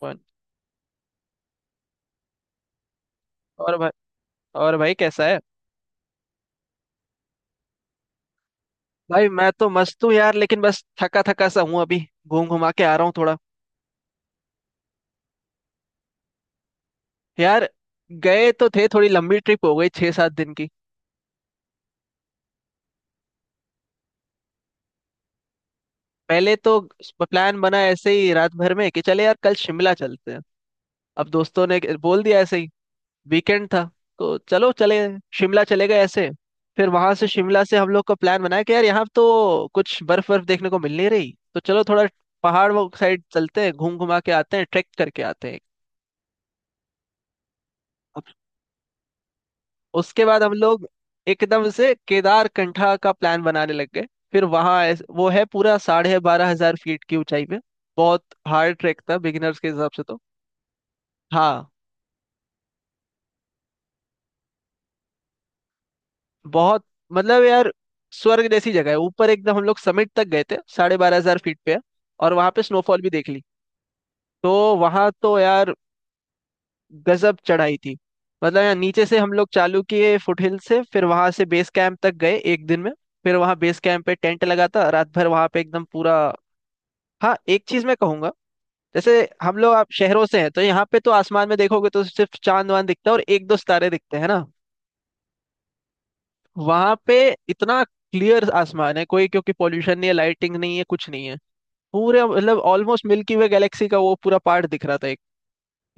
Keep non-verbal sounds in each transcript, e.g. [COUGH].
Phone. और भाई। और भाई कैसा है? भाई मैं तो मस्त हूँ यार, लेकिन बस थका थका सा हूँ अभी। घूम घुमा के आ रहा हूँ थोड़ा। यार गए तो थे, थोड़ी लंबी ट्रिप हो गई, 6 7 दिन की। पहले तो प्लान बना ऐसे ही रात भर में कि चले यार कल शिमला चलते हैं। अब दोस्तों ने बोल दिया ऐसे ही, वीकेंड था तो चलो चले, शिमला चले गए ऐसे। फिर वहां से, शिमला से, हम लोग का प्लान बनाया कि यार यहाँ तो कुछ बर्फ बर्फ देखने को मिल नहीं रही, तो चलो थोड़ा पहाड़ वो साइड चलते हैं, घूम घुमा के आते हैं, ट्रैक करके आते हैं। अब उसके बाद हम लोग एकदम से केदार कंठा का प्लान बनाने लग गए। फिर वहां वो है पूरा 12,500 फीट की ऊंचाई पे। बहुत हार्ड ट्रैक था बिगिनर्स के हिसाब से तो। हाँ। बहुत, मतलब यार, स्वर्ग जैसी जगह है ऊपर। एकदम हम लोग समिट तक गए थे, 12,500 फीट पे है, और वहां पे स्नोफॉल भी देख ली। तो वहां तो यार गजब चढ़ाई थी। मतलब यार नीचे से हम लोग चालू किए, फुटहिल से, फिर वहां से बेस कैंप तक गए एक दिन में। फिर वहां बेस कैंप पे टेंट लगा था, रात भर वहां पे एकदम पूरा। हाँ, एक चीज मैं कहूंगा, जैसे हम लोग, आप शहरों से हैं तो यहाँ पे तो आसमान में देखोगे तो सिर्फ चांद वांद दिखता है और एक दो सितारे दिखते हैं ना। वहां पे इतना क्लियर आसमान है, कोई, क्योंकि पोल्यूशन नहीं है, लाइटिंग नहीं है, कुछ नहीं है। पूरे, मतलब ऑलमोस्ट मिल्की वे गैलेक्सी का वो पूरा पार्ट दिख रहा था एक।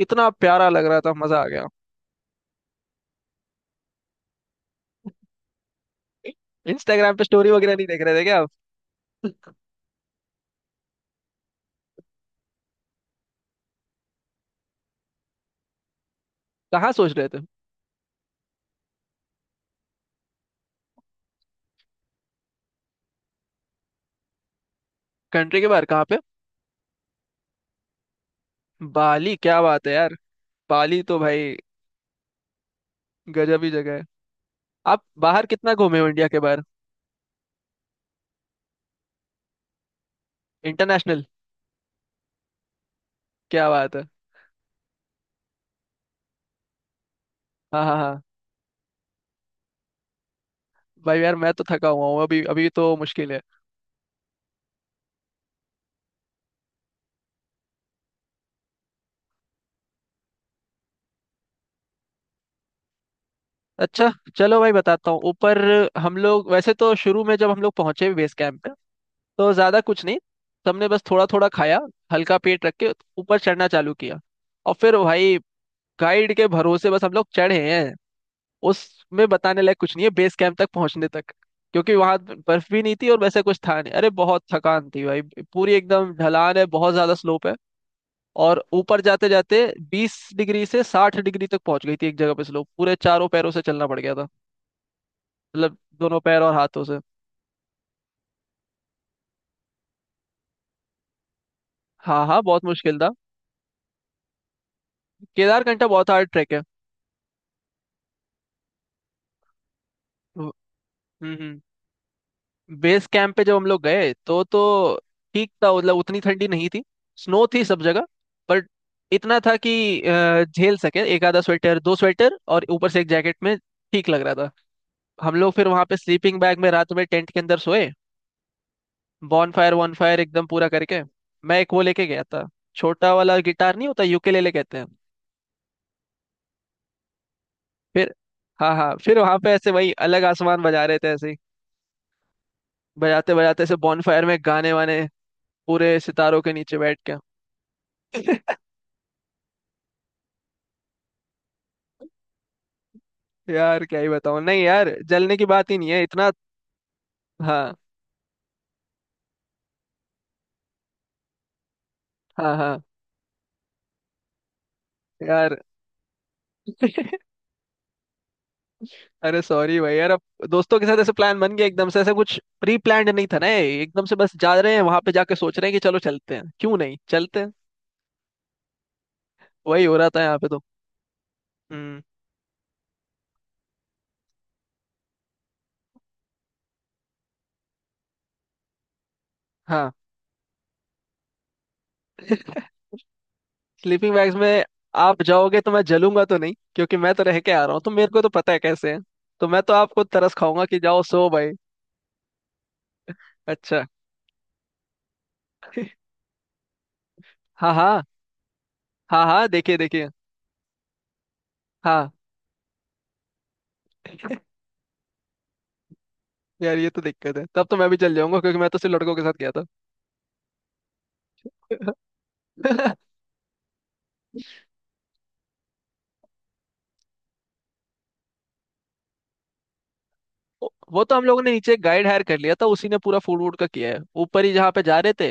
इतना प्यारा लग रहा था, मजा आ गया। इंस्टाग्राम पे स्टोरी वगैरह नहीं देख रहे थे क्या आप? कहाँ सोच रहे थे? कंट्री के बाहर कहाँ पे? बाली? क्या बात है यार, बाली तो भाई गजब ही जगह है। आप बाहर कितना घूमे हो, इंडिया के बाहर? इंटरनेशनल? क्या बात है। हाँ हाँ हाँ। भाई यार मैं तो थका हुआ हूँ अभी, अभी तो मुश्किल है। अच्छा, चलो भाई बताता हूँ। ऊपर हम लोग वैसे तो शुरू में, जब हम लोग पहुंचे बेस कैंप पे, तो ज्यादा कुछ नहीं। सबने बस थोड़ा थोड़ा खाया, हल्का पेट रख के ऊपर चढ़ना चालू किया। और फिर भाई गाइड के भरोसे बस हम लोग चढ़े हैं। उसमें बताने लायक कुछ नहीं है बेस कैंप तक पहुंचने तक, क्योंकि वहां बर्फ भी नहीं थी और वैसे कुछ था नहीं। अरे बहुत थकान थी भाई। पूरी एकदम ढलान है, बहुत ज्यादा स्लोप है। और ऊपर जाते जाते 20 डिग्री से 60 डिग्री तक पहुंच गई थी एक जगह पे स्लोप। पूरे चारों पैरों से चलना पड़ गया था, मतलब दोनों पैर और हाथों से। हाँ हाँ, बहुत मुश्किल था। केदारकंठा बहुत हार्ड ट्रैक है। हम्म। हम्म। बेस कैंप पे जब हम लोग गए तो ठीक था, मतलब उतनी ठंडी नहीं थी। स्नो थी सब जगह, बट इतना था कि झेल सके एक आधा स्वेटर, दो स्वेटर और ऊपर से एक जैकेट में ठीक लग रहा था। हम लोग फिर वहां पे स्लीपिंग बैग में रात में टेंट के अंदर सोए। बॉन फायर, वन फायर एकदम पूरा करके। मैं एक वो लेके गया था, छोटा वाला गिटार नहीं होता, यूकेलेले कहते हैं। फिर हाँ हाँ, फिर वहां पे ऐसे वही, अलग आसमान बजा रहे थे ऐसे ही। बजाते बजाते ऐसे बॉन फायर में गाने वाने, पूरे सितारों के नीचे बैठ के। यार क्या ही बताऊं, नहीं यार जलने की बात ही नहीं है इतना। हाँ हाँ हाँ। यार [LAUGHS] अरे सॉरी भाई यार, अब दोस्तों के साथ ऐसे प्लान बन गया एकदम से, ऐसा कुछ प्री प्लान्ड नहीं था ना ये, एकदम से बस जा रहे हैं, वहां पे जाके सोच रहे हैं कि चलो चलते हैं, क्यों नहीं चलते हैं। वही हो रहा था यहाँ पे तो। हम्म। हाँ, स्लीपिंग बैग्स में। आप जाओगे तो मैं जलूंगा तो नहीं, क्योंकि मैं तो रह के आ रहा हूँ, तो मेरे को तो पता है कैसे है। तो मैं तो आपको तरस खाऊंगा कि जाओ सो भाई। अच्छा। [LAUGHS] हाँ हाँ। हाँ हाँ, देखिए देखिए। हाँ। यार ये तो दिक्कत है, तब तो मैं भी चल जाऊंगा, क्योंकि मैं तो सिर्फ लड़कों के साथ गया था। [LAUGHS] वो तो हम लोगों ने नीचे गाइड हायर कर लिया था, उसी ने पूरा फूड वूड का किया है। ऊपर ही जहाँ पे जा रहे थे।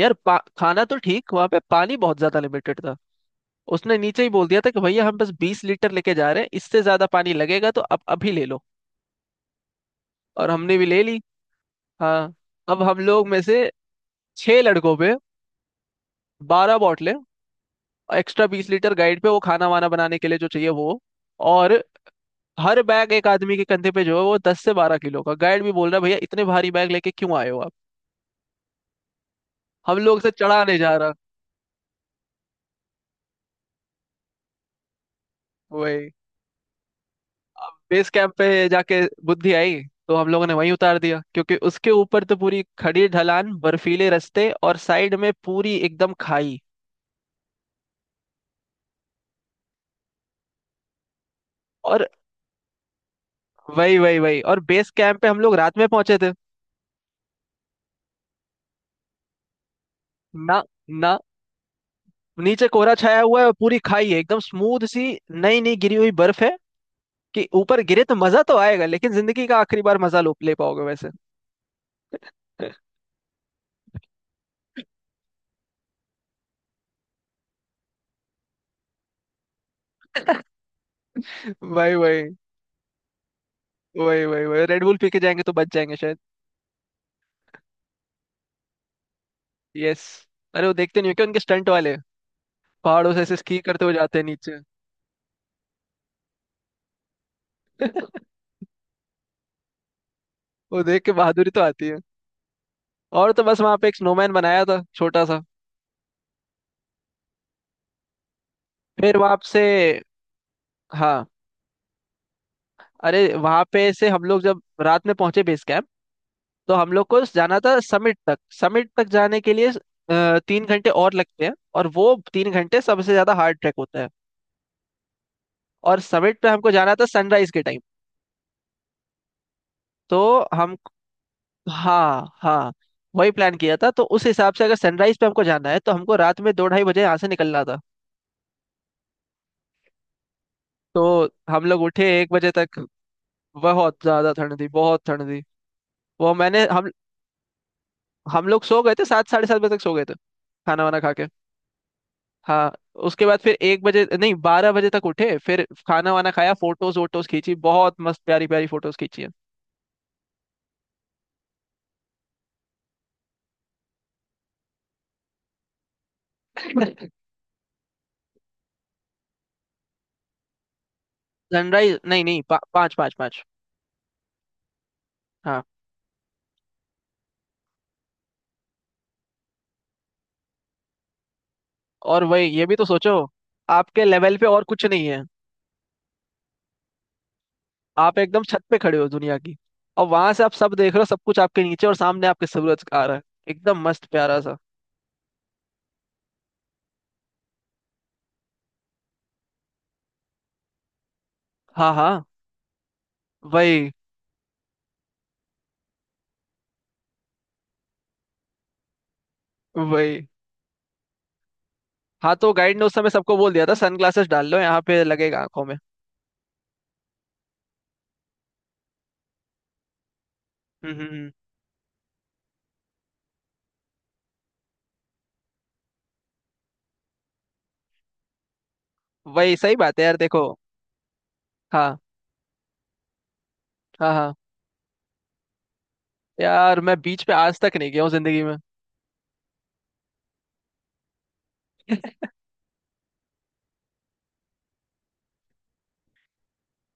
यार खाना तो ठीक, वहाँ पे पानी बहुत ज्यादा लिमिटेड था। उसने नीचे ही बोल दिया था कि भैया हम बस 20 लीटर लेके जा रहे हैं, इससे ज्यादा पानी लगेगा तो अब अभी ले लो। और हमने भी ले ली। हाँ। अब हम लोग में से, छह लड़कों पे 12 बॉटलें, एक्स्ट्रा 20 लीटर गाइड पे वो, खाना वाना बनाने के लिए जो चाहिए वो। और हर बैग एक आदमी के कंधे पे जो है वो 10 से 12 किलो का। गाइड भी बोल रहा है, भैया इतने भारी बैग लेके क्यों आए हो आप, हम लोग से चढ़ाने जा रहा। वही। अब बेस कैंप पे जाके बुद्धि आई, तो हम लोगों ने वहीं उतार दिया, क्योंकि उसके ऊपर तो पूरी खड़ी ढलान, बर्फीले रास्ते और साइड में पूरी एकदम खाई। और वही वही वही, और बेस कैंप पे हम लोग रात में पहुंचे थे। ना ना, नीचे कोहरा छाया हुआ है और पूरी खाई है एकदम स्मूथ सी। नई नई गिरी हुई बर्फ है कि ऊपर गिरे तो मजा तो आएगा, लेकिन जिंदगी का आखिरी बार मजा लो, ले पाओगे वैसे। [LAUGHS] वही वही वही। वही वही रेड बुल पी के जाएंगे तो बच जाएंगे शायद। यस। अरे वो देखते नहीं हो क्या, उनके स्टंट वाले पहाड़ों से ऐसे स्की करते हुए जाते हैं नीचे। [LAUGHS] वो देख के बहादुरी तो आती है। और तो बस वहां पे एक स्नोमैन बनाया था छोटा सा। फिर वहां से। हाँ। अरे वहां पे से हम लोग जब रात में पहुंचे बेस कैंप, तो हम लोग को जाना था समिट तक। समिट तक जाने के लिए 3 घंटे और लगते हैं, और वो 3 घंटे सबसे ज्यादा हार्ड ट्रैक होता है। और समिट पे हमको जाना था सनराइज के टाइम। तो हम। हाँ हाँ, वही प्लान किया था। तो उस हिसाब से अगर सनराइज पे हमको जाना है तो हमको रात में 2 ढाई बजे यहाँ से निकलना था। तो हम लोग उठे 1 बजे तक। बहुत ज्यादा ठंड थी, बहुत ठंड थी। वो मैंने हम लोग सो गए थे 7 साढ़े 7 बजे तक सो गए थे, खाना वाना खा के। हाँ। उसके बाद फिर 1 बजे, नहीं 12 बजे तक उठे, फिर खाना वाना खाया, फोटोज वोटोज खींची, बहुत मस्त प्यारी प्यारी फोटोज खींची है। सनराइज नहीं नहीं, पाँच पाँच पाँच। हाँ। और वही, ये भी तो सोचो, आपके लेवल पे और कुछ नहीं है। आप एकदम छत पे खड़े हो दुनिया की, और वहां से आप सब देख रहे हो, सब कुछ आपके नीचे, और सामने आपके सूरज आ रहा है, एकदम मस्त प्यारा सा। हाँ हाँ, वही वही। हाँ, तो गाइड ने उस समय सबको बोल दिया था सनग्लासेस डाल लो, यहाँ पे लगेगा आंखों में। हम्म हम्म, हम्म। वही सही बात है यार, देखो। हाँ हाँ हाँ। यार मैं बीच पे आज तक नहीं गया हूँ जिंदगी में।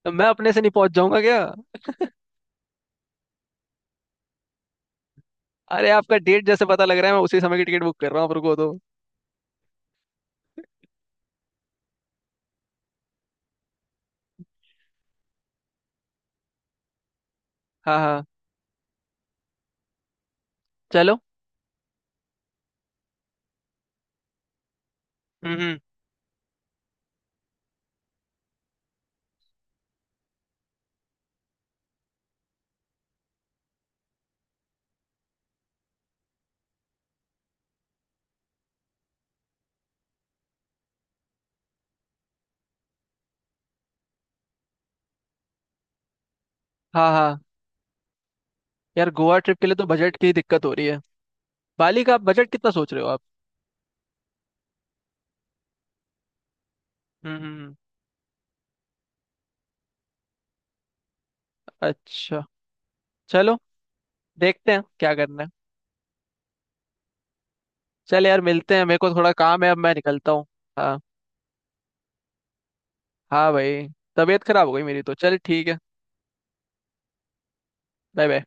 तो मैं अपने से नहीं पहुंच जाऊंगा क्या? अरे आपका डेट जैसे पता लग रहा है, मैं उसी समय की टिकट बुक कर रहा हूँ, आप रुको तो। हाँ हाँ। चलो। हम्म। हाँ हाँ। यार गोवा ट्रिप के लिए तो बजट की दिक्कत हो रही है। बाली का बजट कितना सोच रहे हो आप? हम्म हम्म हम्म, अच्छा। चलो देखते हैं क्या करना है। चल यार मिलते हैं, मेरे को थोड़ा काम है, अब मैं निकलता हूँ। हाँ। हाँ भाई, तबीयत खराब हो गई मेरी, तो चल ठीक है। Bye bye.